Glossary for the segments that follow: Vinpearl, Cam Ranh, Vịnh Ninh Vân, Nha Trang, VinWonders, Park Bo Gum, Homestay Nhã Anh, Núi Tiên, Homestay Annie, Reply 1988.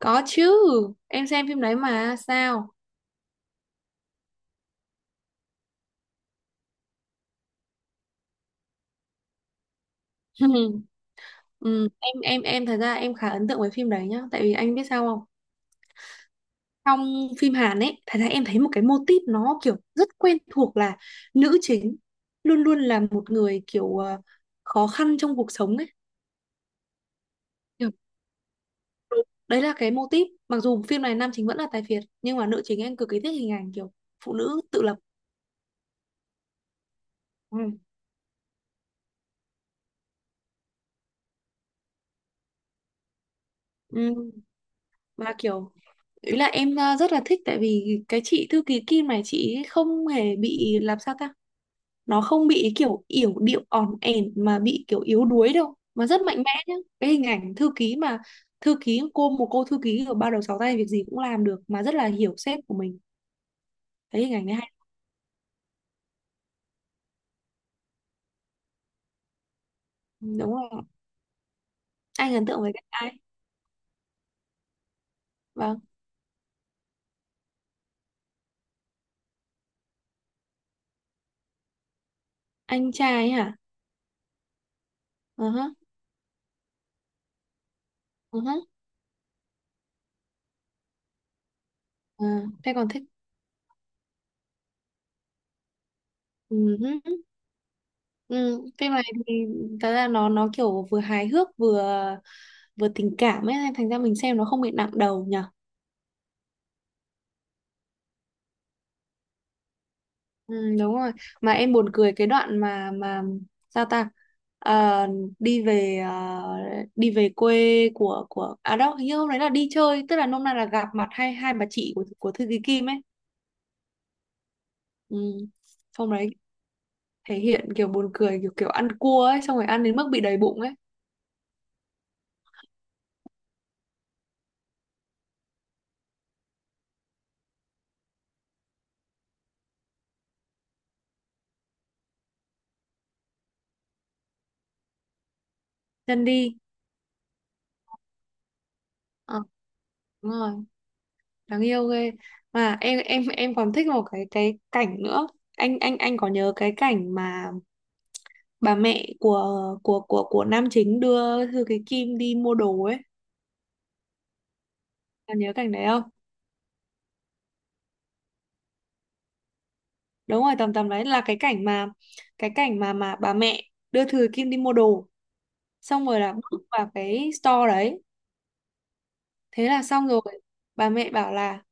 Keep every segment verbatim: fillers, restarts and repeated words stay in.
Có chứ, em xem phim đấy mà sao? ừ, em em em thật ra em khá ấn tượng với phim đấy nhá, tại vì anh biết sao không? Trong phim Hàn ấy, thật ra em thấy một cái mô típ nó kiểu rất quen thuộc là nữ chính luôn luôn là một người kiểu ờ, khó khăn trong cuộc sống ấy. Kiểu, đấy là cái mô típ. Mặc dù phim này nam chính vẫn là tài phiệt, nhưng mà nữ chính em cực kỳ thích hình ảnh kiểu phụ nữ tự lập. Ừ. Ừ. Mà kiểu ý là em ờ, rất là thích tại vì cái chị thư ký Kim này chị ấy không hề bị làm sao ta, nó không bị kiểu yểu điệu ỏn ẻn mà bị kiểu yếu đuối đâu mà rất mạnh mẽ nhá, cái hình ảnh thư ký mà thư ký cô một cô thư ký ở ba đầu sáu tay việc gì cũng làm được mà rất là hiểu sếp của mình, thấy hình ảnh đấy hay. Ừ, đúng rồi, anh ấn tượng với cái ai? Vâng. Anh trai hả? Ờ hả. Ờ hả. Ờ, thế còn thích? Ừ hứ. Ừ, phim này thì thật ra nó nó kiểu vừa hài hước vừa vừa tình cảm ấy, thành ra mình xem nó không bị nặng đầu nhở. Ừ, đúng rồi, mà em buồn cười cái đoạn mà mà sao ta. Ờ, đi về ờ, đi về quê của của à đâu, hình như hôm đấy là đi chơi, tức là hôm nay là gặp mặt hai hai bà chị của của thư ký Kim ấy. Ừ. Hôm đấy thể hiện kiểu buồn cười, kiểu kiểu ăn cua ấy, xong rồi ăn đến mức bị đầy bụng ấy. Chân đi. Ờ, đúng rồi, đáng yêu ghê. Mà em em em còn thích một cái cái cảnh nữa, anh anh anh có nhớ cái cảnh mà bà mẹ của của của của nam chính đưa Thư Cái Kim đi mua đồ ấy? Bà nhớ cảnh đấy không? Đúng rồi, tầm tầm đấy là cái cảnh mà cái cảnh mà mà bà mẹ đưa Thư Cái Kim đi mua đồ, xong rồi là bước vào cái store đấy, thế là xong rồi bà mẹ bảo là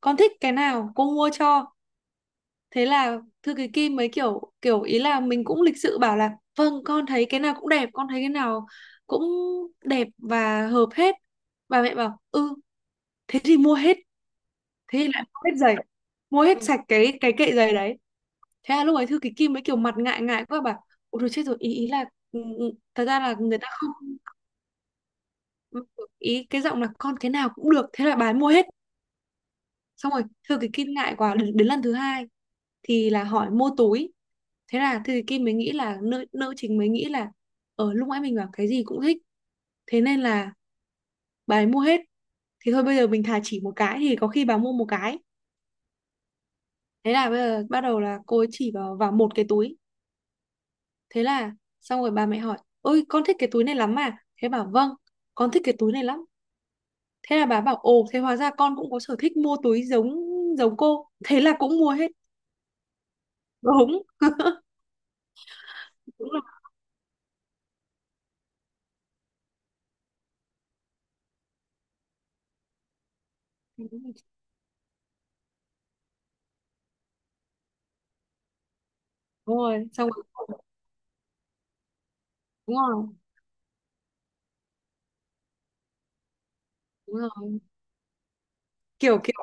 con thích cái nào cô mua cho. Thế là Thư Cái Kim mới kiểu kiểu ý là mình cũng lịch sự bảo là vâng con thấy cái nào cũng đẹp, con thấy cái nào cũng đẹp và hợp hết. Bà mẹ bảo ừ, thế thì mua hết. Thế thì lại mua hết giày, mua hết. Ừ. Sạch cái cái kệ giày đấy. Thế là lúc ấy Thư Ký Kim mới kiểu mặt ngại ngại quá bảo ôi rồi chết rồi, ý ý là ừ, ừ, thật ra là người ta không. Ý cái giọng là con cái nào cũng được, thế là bà ấy mua hết. Xong rồi Thư Ký Kim ngại quá, đến, đến lần thứ hai thì là hỏi mua túi. Thế là Thư Ký Kim mới nghĩ là nữ nữ chính mới nghĩ là ở lúc nãy mình bảo cái gì cũng thích, thế nên là bà ấy mua hết, thì thôi bây giờ mình thà chỉ một cái thì có khi bà mua một cái. Thế là bây giờ bắt đầu là cô ấy chỉ vào vào một cái túi. Thế là xong rồi bà mẹ hỏi ôi con thích cái túi này lắm à. Thế bảo vâng con thích cái túi này lắm. Thế là bà bảo ồ thế hóa ra con cũng có sở thích mua túi giống giống cô. Thế là cũng mua hết. Đúng. Đúng là đúng rồi, xong rồi đúng rồi đúng rồi kiểu kiểu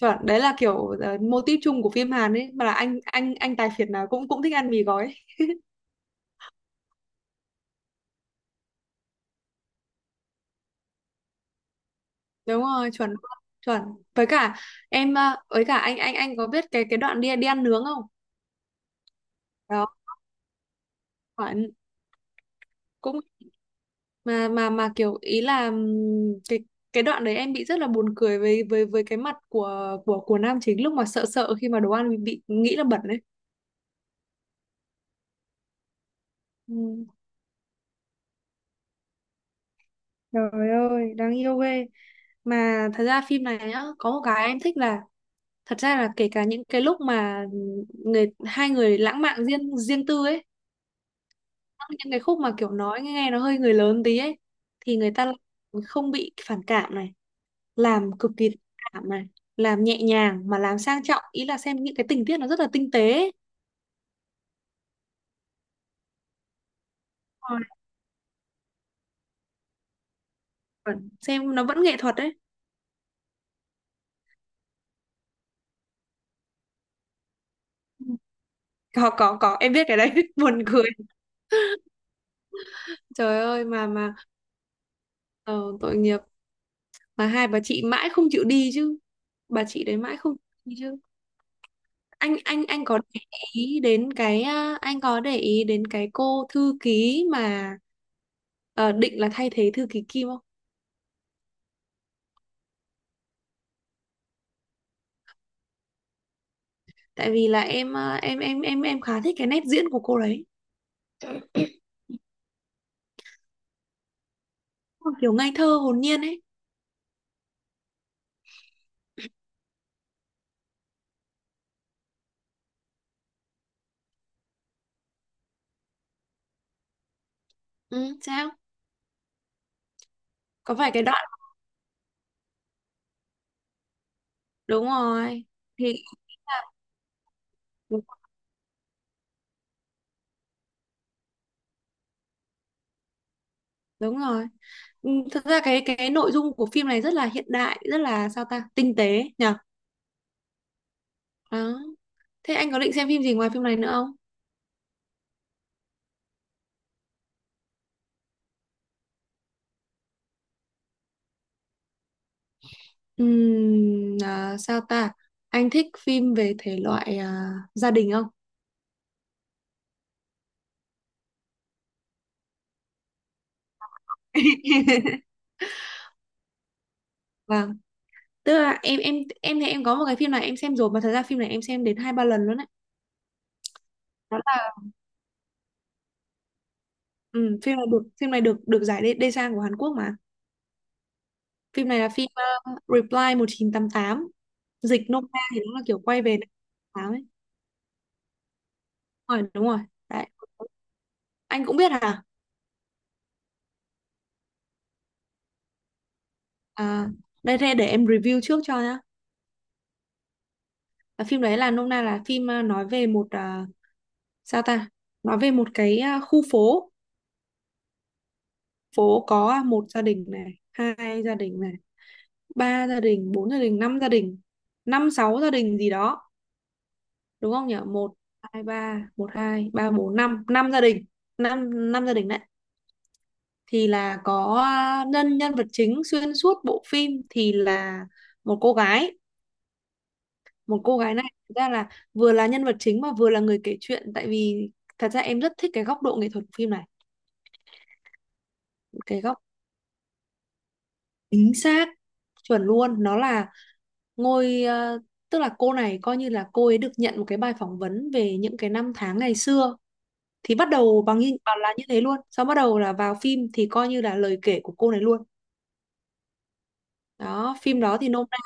chuẩn, đấy là kiểu uh, mô típ chung của phim Hàn ấy mà, là anh anh anh tài phiệt nào cũng cũng thích ăn mì gói ấy. Đúng rồi, chuẩn chuẩn, với cả em uh, với cả anh anh anh có biết cái cái đoạn đi đi ăn nướng không? Đó, chuẩn. Cũng mà mà mà kiểu ý là ừm, cái cái đoạn đấy em bị rất là buồn cười với với với cái mặt của của của nam chính lúc mà sợ, sợ khi mà đồ ăn bị, bị nghĩ là bẩn đấy. Ừ. Trời ơi, đáng yêu ghê. Mà thật ra phim này nhá có một cái em thích là thật ra là kể cả những cái lúc mà người hai người lãng mạn riêng riêng tư ấy, những cái khúc mà kiểu nói nghe nó hơi người lớn tí ấy, thì người ta lại không bị phản cảm này, làm cực kỳ cảm này, làm nhẹ nhàng mà làm sang trọng, ý là xem những cái tình tiết nó rất là tinh tế ấy. Rồi, còn xem nó vẫn nghệ thuật đấy. Có có có em biết cái đấy buồn cười. Trời ơi mà mà ờ, tội nghiệp. Mà hai bà chị mãi không chịu đi chứ, bà chị đấy mãi không chịu đi chứ. Anh anh anh có để ý đến cái à, anh có để ý đến cái cô thư ký mà ờ, định là thay thế thư ký Kim không? Tại vì là em à, em em em em khá thích cái nét diễn của cô đấy. Ôi, kiểu ngây thơ hồn nhiên ấy. Ừ, sao? Có phải cái đoạn đúng rồi thì đúng đúng rồi. Ừ, thật ra cái cái nội dung của phim này rất là hiện đại, rất là sao ta tinh tế nhở. Đó, thế anh có định xem phim gì ngoài phim này nữa không? Ừm, à, sao ta, anh thích phim về thể loại à, gia đình không? Vâng, tức là em em em thì em có một cái phim này em xem rồi, mà thật ra phim này em xem đến hai ba lần luôn đấy. Đó là ừ, phim này được phim này được được giải đê, đê sang của Hàn Quốc mà. Phim này là phim ờ, Reply một chín tám tám, dịch nôm na thì nó là kiểu quay về tám mươi tám ấy. Đúng rồi đúng rồi. Đấy, anh cũng biết hả. À, đây đây để em review trước cho nhá. Là phim đấy là nôm na là phim ờ, nói về một ờ, sao ta, nói về một cái ờ, khu phố, phố có một gia đình này, hai gia đình này, ba gia đình, bốn gia đình, năm gia đình, năm sáu gia đình gì đó, đúng không nhỉ, một hai ba, một hai ba bốn năm, năm gia đình, năm năm gia đình đấy. Thì là có à, nhân nhân vật chính xuyên suốt bộ phim thì là một cô gái. Một cô gái này thực ra là vừa là nhân vật chính mà vừa là người kể chuyện, tại vì thật ra em rất thích cái góc độ nghệ thuật của phim này. Cái góc chính xác, chuẩn luôn, nó là ngôi ờ, tức là cô này coi như là cô ấy được nhận một cái bài phỏng vấn về những cái năm tháng ngày xưa, thì bắt đầu bằng như bảo là như thế luôn, sau bắt đầu là vào phim thì coi như là lời kể của cô này luôn. Đó phim đó thì nôm na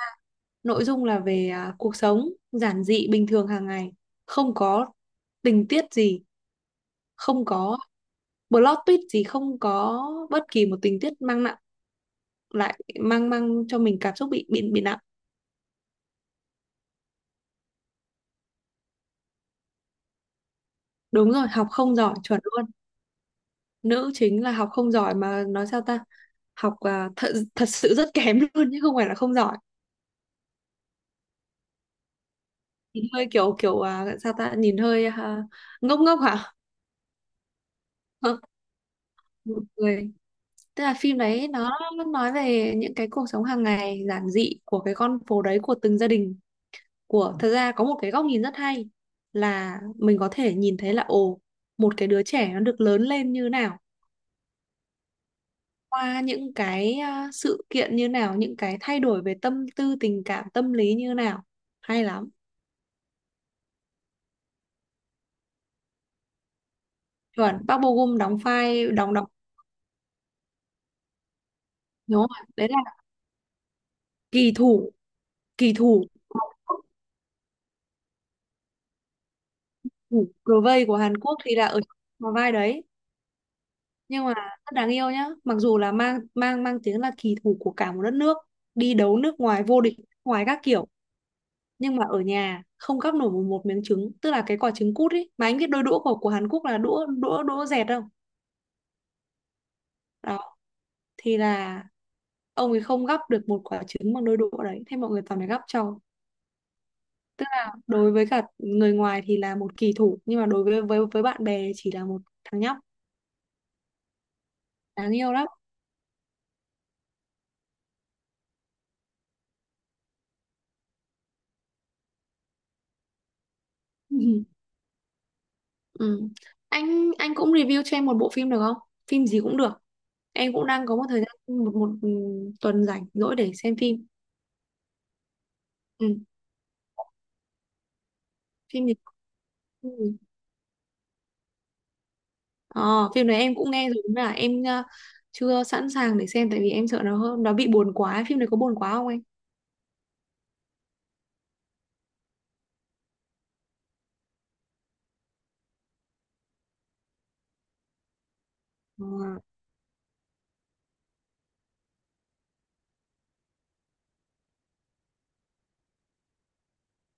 nội dung là về à, cuộc sống giản dị bình thường hàng ngày, không có tình tiết gì, không có plot twist gì, không có bất kỳ một tình tiết mang nặng, lại mang mang cho mình cảm xúc bị bị bị nặng. Đúng rồi, học không giỏi chuẩn luôn, nữ chính là học không giỏi mà nói sao ta, học à, thật thật sự rất kém luôn chứ không phải là không giỏi. Nhìn hơi kiểu kiểu à, sao ta, nhìn hơi à, ngốc ngốc hả. Một người, tức là phim đấy nó nói về những cái cuộc sống hàng ngày giản dị của cái con phố đấy, của từng gia đình, của thật ra có một cái góc nhìn rất hay là mình có thể nhìn thấy là ồ một cái đứa trẻ nó được lớn lên như nào, qua những cái à, sự kiện như nào, những cái thay đổi về tâm tư tình cảm tâm lý như nào, hay lắm. Chuẩn, Park Bo Gum đóng vai đóng đóng đúng không ạ? Đấy là kỳ thủ, kỳ thủ, thủ cờ vây của Hàn Quốc thì là ở trong vai đấy. Nhưng mà rất đáng yêu nhá, mặc dù là mang mang mang tiếng là kỳ thủ của cả một đất nước, đi đấu nước ngoài vô địch nước ngoài các kiểu, nhưng mà ở nhà không gắp nổi một, một miếng trứng, tức là cái quả trứng cút ấy. Mà anh biết đôi đũa của của Hàn Quốc là đũa đũa đũa dẹt không? Đó, thì là ông ấy không gắp được một quả trứng bằng đôi đũa đấy, thế mọi người toàn phải gắp cho. Tức là đối với cả người ngoài thì là một kỳ thủ, nhưng mà đối với với với bạn bè chỉ là một thằng nhóc. Đáng yêu lắm. Ừ. Anh anh cũng review cho em một bộ phim được không? Phim gì cũng được. Em cũng đang có một thời gian một một ừ, tuần rảnh rỗi để xem phim. Ừ, phim gì? Ừ. Ờ, phim này em cũng nghe rồi nhưng mà em ờ, chưa sẵn sàng để xem, tại vì em sợ nó hơn, nó bị buồn quá. Phim này có buồn quá không anh? Ờ.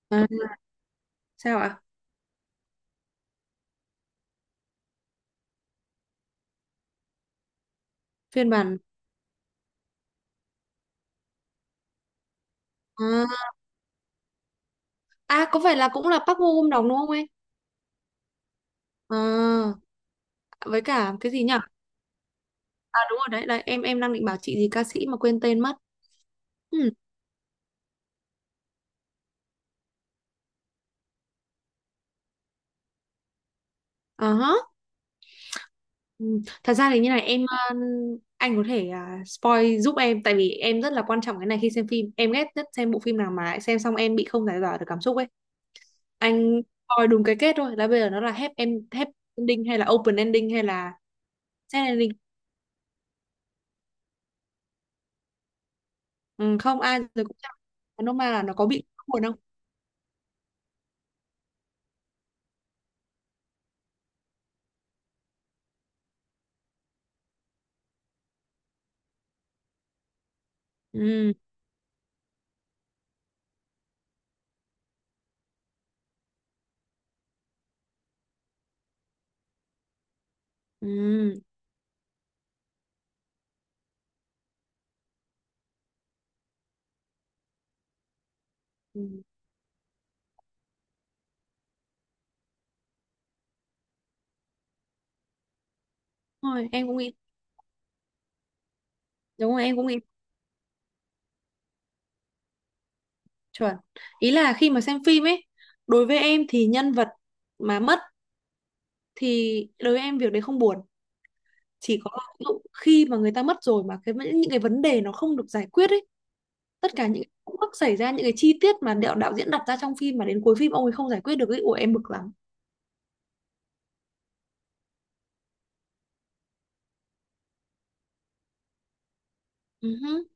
À, sao ạ? Phiên bản à, à có phải là cũng là Park Bo Gum đóng đúng không anh? À, với cả cái gì nhỉ? À đúng rồi đấy, đấy em em đang định bảo chị gì ca sĩ mà quên tên mất. Ừ. Ờ hả. Ừ. Thật ra thì như này em ờ, anh có thể à, spoil giúp em, tại vì em rất là quan trọng cái này, khi xem phim em ghét nhất xem bộ phim nào mà xem xong em bị không giải tỏa được cảm xúc ấy. Anh coi đúng cái kết thôi, là bây giờ nó là happy, em happy ending hay là open ending hay là sad ending? Ừ, không ai rồi cũng chẳng, nó mà là nó có bị buồn không? Ừ, ừ, ừ. Đúng rồi em cũng nghĩ, đúng rồi em cũng nghĩ, chuẩn, ý là khi mà xem phim ấy, đối với em thì nhân vật mà mất thì đối với em việc đấy không buồn. Chỉ có áp dụng khi mà người ta mất rồi mà cái những cái vấn đề nó không được giải quyết ấy, tất cả những cái khúc mắc xảy ra, những cái chi tiết mà đạo đạo diễn đặt ra trong phim mà đến cuối phim ông ấy không giải quyết được ấy, ủa em bực lắm. Ừ, hứ.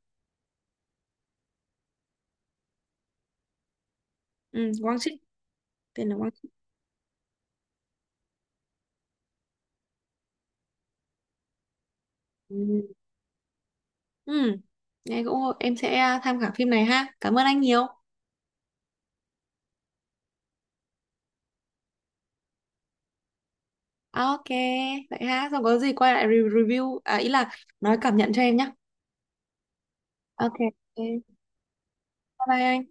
Ừ, Quang Trinh. Tên là Quang Trinh. Ừ. Ừ. Nghe cũng, em sẽ tham khảo phim này ha, cảm ơn anh nhiều. OK, vậy ha xong có gì quay lại re- review à ý là nói cảm nhận cho em nhá. OK. OK bye. Bye anh.